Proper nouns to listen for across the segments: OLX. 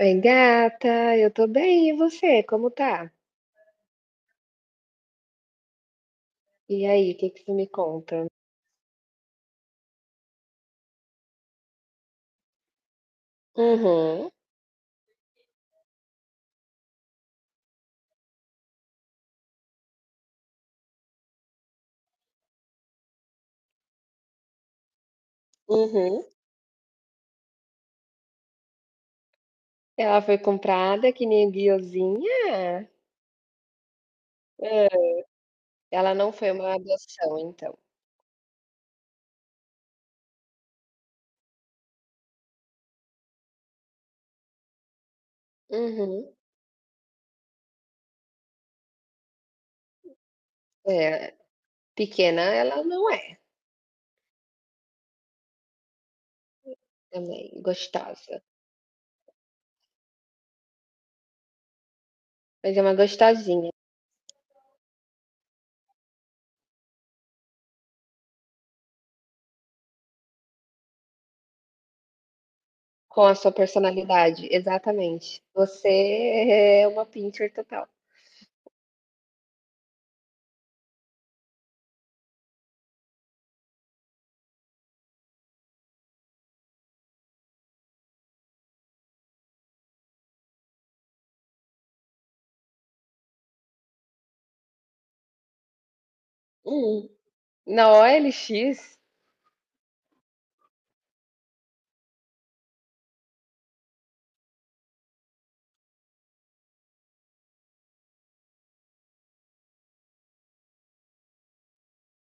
Oi, gata, eu tô bem, e você, como tá? E aí, o que que você me conta? Uhum, uhum. Ela foi comprada que nem guiozinha? Ah, ela não foi uma adoção, então. Uhum. É, pequena ela não é, também, gostosa. Mas é uma gostosinha, com a sua personalidade, exatamente. Você é uma pincher total. Hum. Na OLX,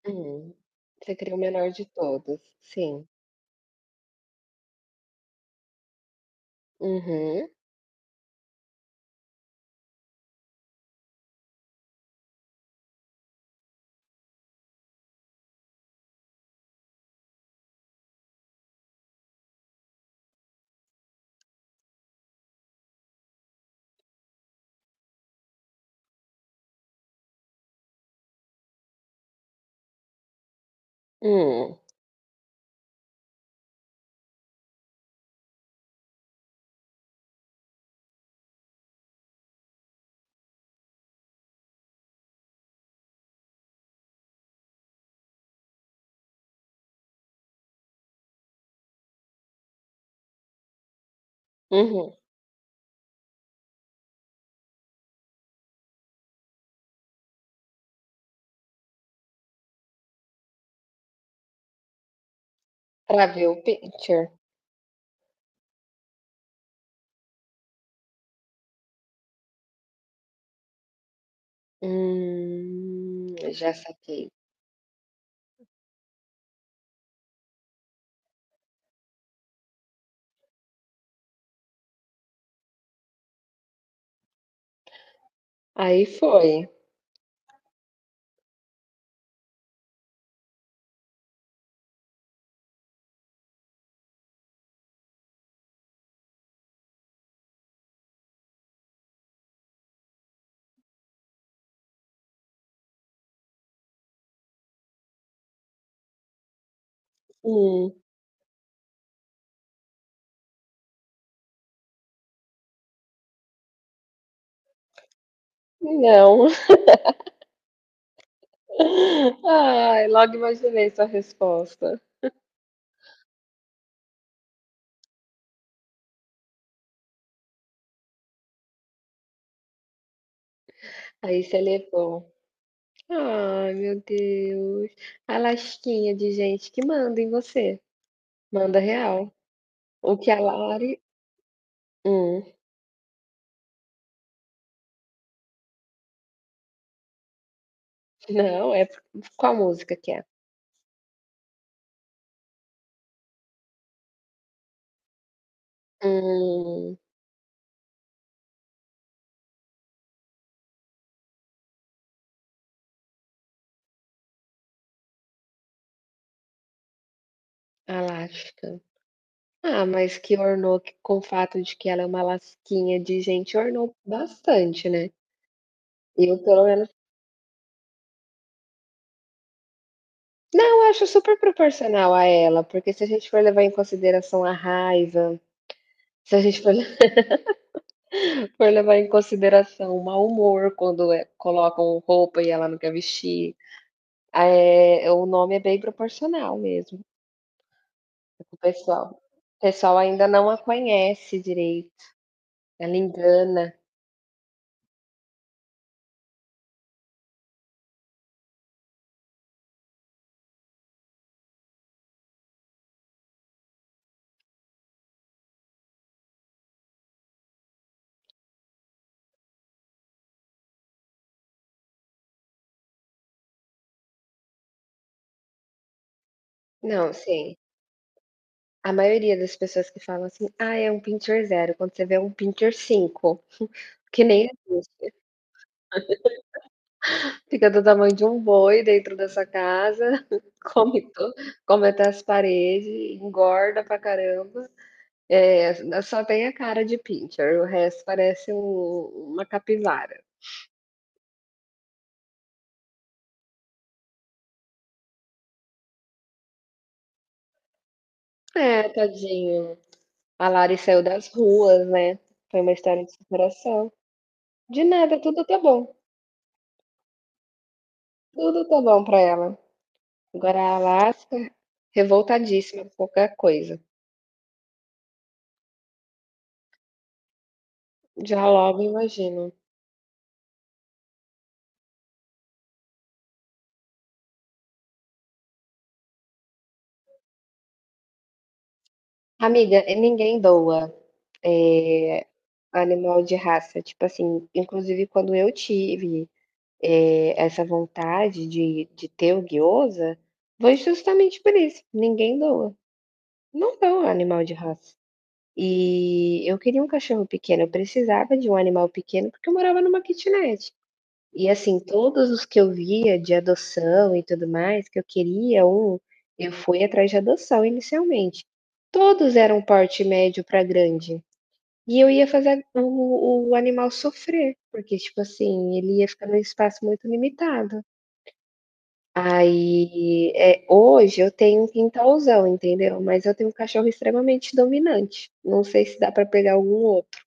hum, você criou o menor de todos, sim. Uhum. Hum. Uhum. Pra ver o picture. Já saquei. Aí foi. Hum, não. Ai, logo imaginei sua resposta. Aí você levou. Ai, meu Deus. A lasquinha de gente que manda em você. Manda real. O que a Lari hum, não, é qual música que é? Hum, a Ah, mas que ornou que com o fato de que ela é uma lasquinha de gente, ornou bastante, né? Eu pelo menos não, eu acho super proporcional a ela, porque se a gente for levar em consideração a raiva, se a gente for for levar em consideração o mau humor quando, colocam roupa e ela não quer vestir, o nome é bem proporcional mesmo, o pessoal. O pessoal ainda não a conhece direito, ela engana. Não, sim. A maioria das pessoas que falam assim: "Ah, é um pincher zero. Quando você vê é um pincher 5, que nem existe. Fica do tamanho de um boi dentro da sua casa, come to come até as paredes, engorda pra caramba. É, só tem a cara de pincher, o resto parece uma capivara. É, tadinho. A Lari saiu das ruas, né, foi uma história de superação. De nada, tudo tá bom pra ela. Agora a Alaska, revoltadíssima com qualquer coisa. Já logo imagino. Amiga, e ninguém doa é, animal de raça. Tipo assim, inclusive quando eu tive essa vontade de ter o guiosa, foi justamente por isso. Ninguém doa. Não doa animal de raça. E eu queria um cachorro pequeno. Eu precisava de um animal pequeno porque eu morava numa kitnet. E assim, todos os que eu via de adoção e tudo mais, que eu queria um, eu fui atrás de adoção inicialmente. Todos eram porte médio para grande, e eu ia fazer o animal sofrer, porque, tipo assim, ele ia ficar num espaço muito limitado. Aí, hoje eu tenho um quintalzão, entendeu, mas eu tenho um cachorro extremamente dominante, não sei se dá para pegar algum outro.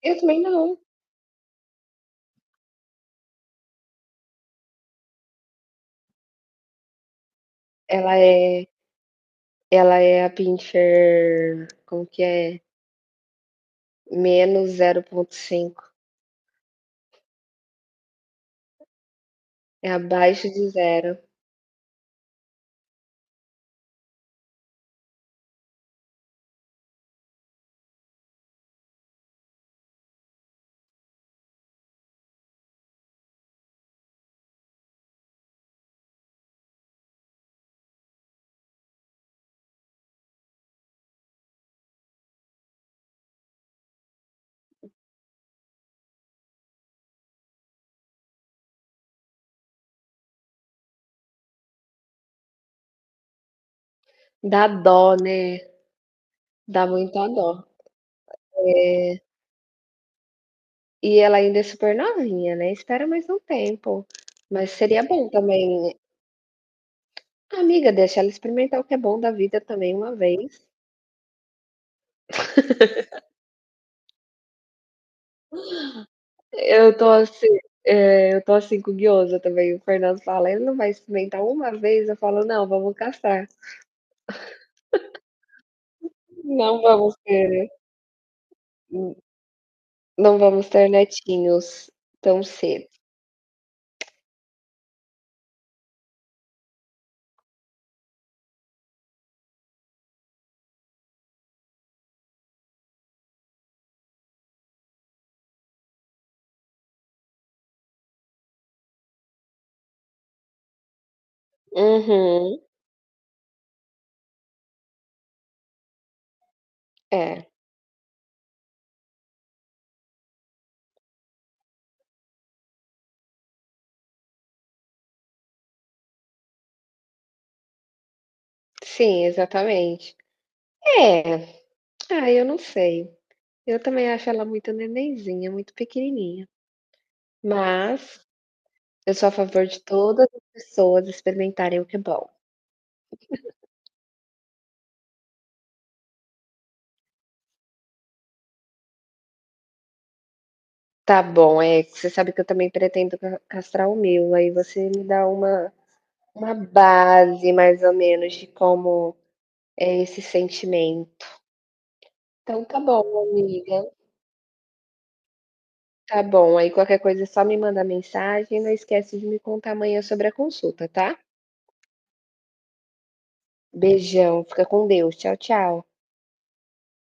Eu também não. Ela é ela é a Pinscher como que é? -0,5, é abaixo de zero. Dá dó, né? Dá muita dó. É, e ela ainda é super novinha, né, espera mais um tempo, mas seria bom também, amiga, deixa ela experimentar o que é bom da vida também uma vez. Eu tô assim eu tô assim com o guiosa também, o Fernando fala: "Ele não vai experimentar uma vez?", eu falo: "Não, vamos castrar, não vamos ter netinhos tão cedo". Uhum. É, sim, exatamente. É. Ah, eu não sei. Eu também acho ela muito nenenzinha, muito pequenininha. Mas eu sou a favor de todas as pessoas experimentarem o que é bom. Tá bom, é, você sabe que eu também pretendo ca castrar o meu, aí você me dá uma base mais ou menos de como é esse sentimento. Então tá bom, amiga. Tá bom, aí qualquer coisa é só me mandar mensagem, não esquece de me contar amanhã sobre a consulta, tá? Beijão, fica com Deus. Tchau, tchau.